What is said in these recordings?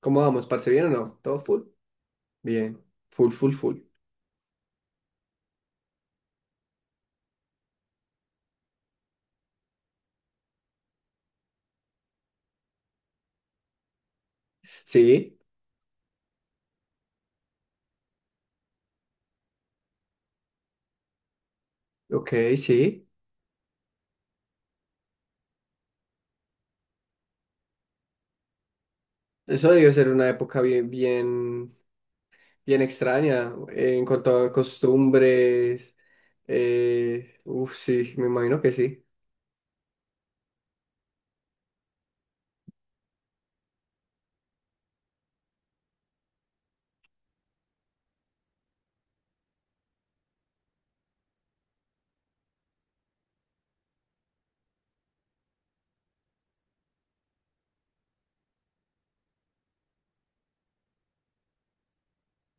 ¿Cómo vamos, parce? ¿Bien o no? ¿Todo full? Bien. Full, full, full. Sí, ok, sí. Eso debió ser una época bien, bien, bien extraña en cuanto a costumbres. Uf, sí, me imagino que sí.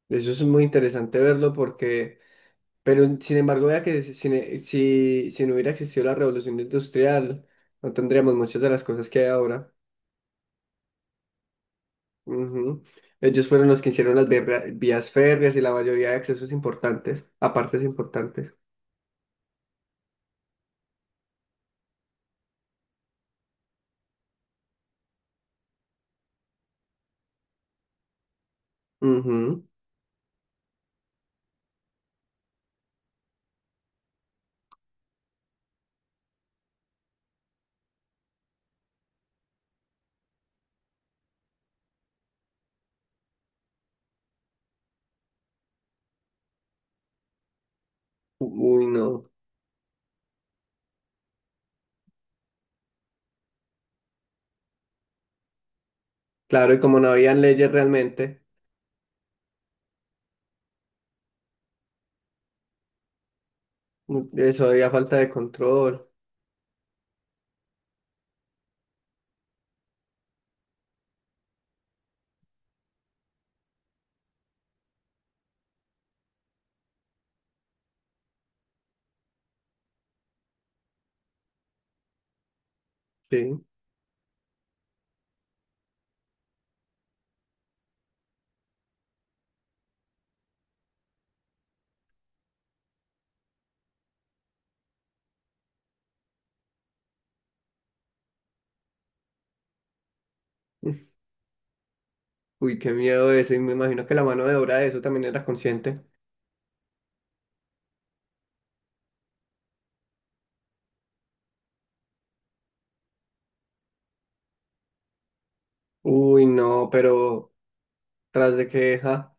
Eso es muy interesante verlo, porque, pero sin embargo, vea que si no hubiera existido la Revolución Industrial, no tendríamos muchas de las cosas que hay ahora. Ujú. Ellos fueron los que hicieron las vías férreas y la mayoría de accesos importantes, a partes importantes. Ujú. Uy, no. Claro, y como no habían leyes realmente, eso había falta de control. Sí. Uy, qué miedo eso. Y me imagino que la mano de obra de eso también era consciente. Uy, no, pero tras de que, ja,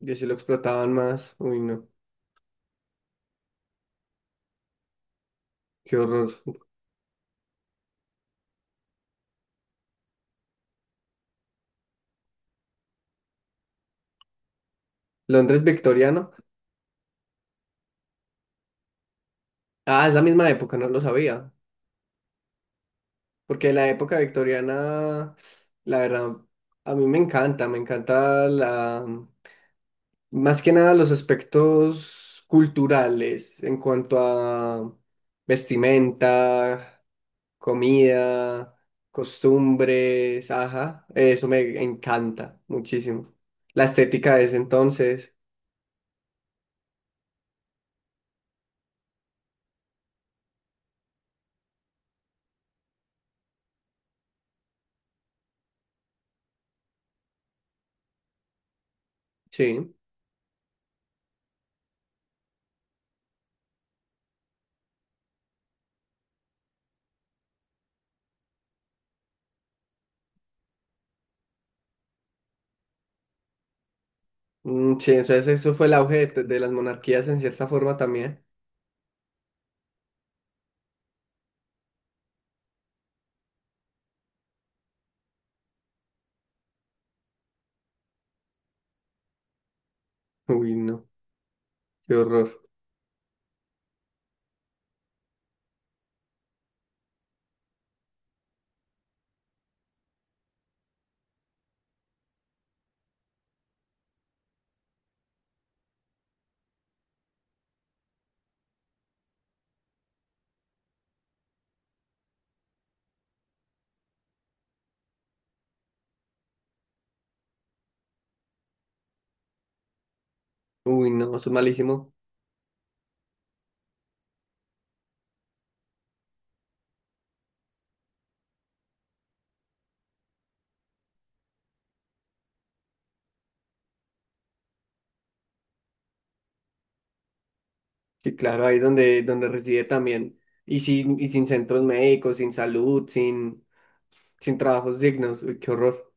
yo sí lo explotaban más. Uy, no. Qué horror. Londres victoriano. Ah, es la misma época, no lo sabía. Porque la época victoriana, la verdad, a mí me encanta la, más que nada los aspectos culturales en cuanto a vestimenta, comida, costumbres, ajá, eso me encanta muchísimo. La estética de ese entonces, sí. Mm, sí, entonces eso fue el auge de las monarquías en cierta forma también. Uy, no, qué horror. Uy, no, eso es malísimo. Sí, claro, ahí es donde, donde reside también. Y sin centros médicos, sin salud, sin, sin trabajos dignos. Uy, qué horror.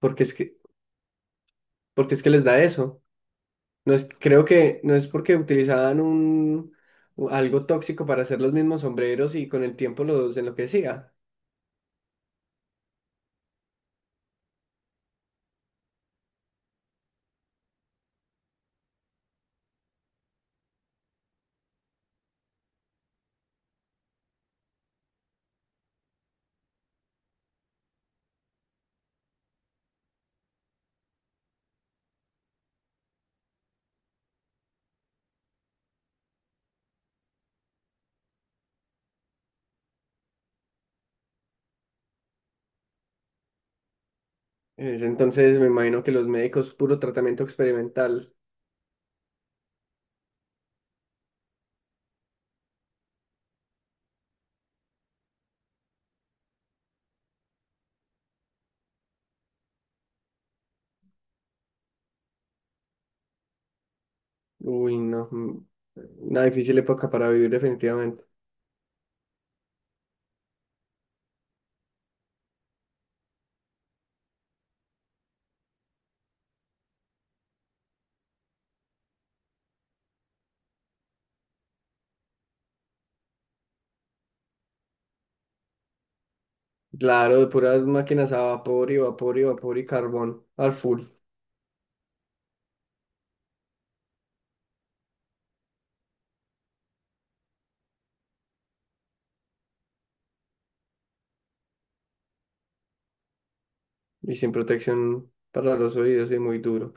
Porque es que, porque es que les da eso. No es, creo que no es porque utilizaban algo tóxico para hacer los mismos sombreros y con el tiempo los enloquecía. En ese entonces me imagino que los médicos, puro tratamiento experimental. Uy, no. Mm, una difícil época para vivir definitivamente. Claro, de puras máquinas a vapor y vapor y vapor y carbón al full. Y sin protección para los oídos, es muy duro.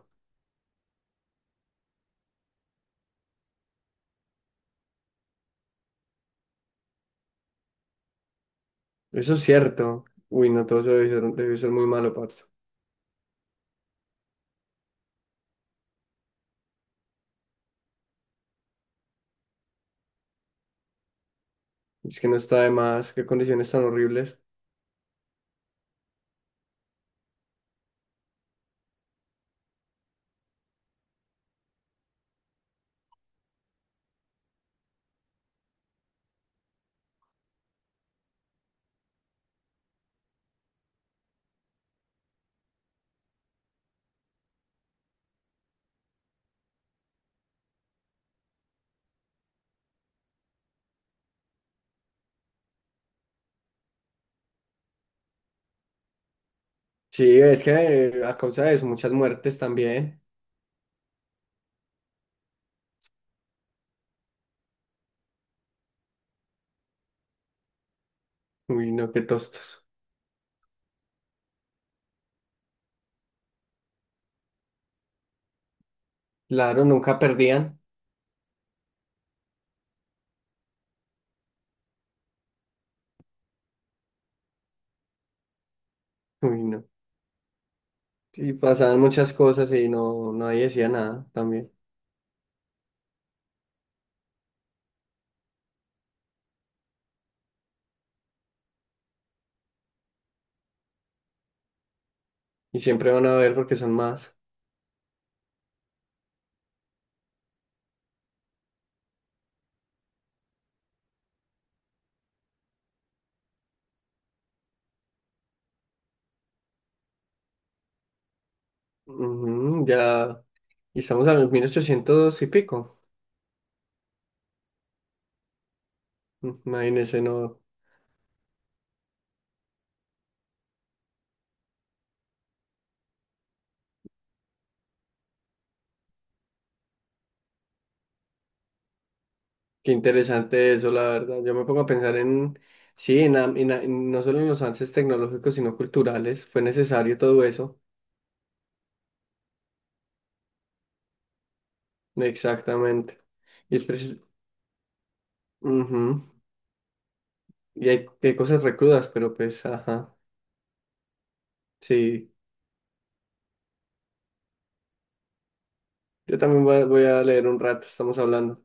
Eso es cierto. Uy, no, todo eso debe ser muy malo, parce. Es que no está de más, qué condiciones tan horribles. Sí, es que a causa de eso, muchas muertes también. Uy, no, qué tostos. Claro, nunca perdían. Uy, no. Y pasaban muchas cosas y no, nadie decía nada también. Y siempre van a ver porque son más. Ujú, ya, y estamos a los 1800 y pico. Imagínense, no. Qué interesante eso, la verdad. Yo me pongo a pensar en, sí, en, en no solo en los avances tecnológicos, sino culturales. Fue necesario todo eso. Exactamente. Y es precis- Ujú. Y hay cosas recrudas, pero pues, ajá. Sí. Yo también voy a leer un rato, estamos hablando.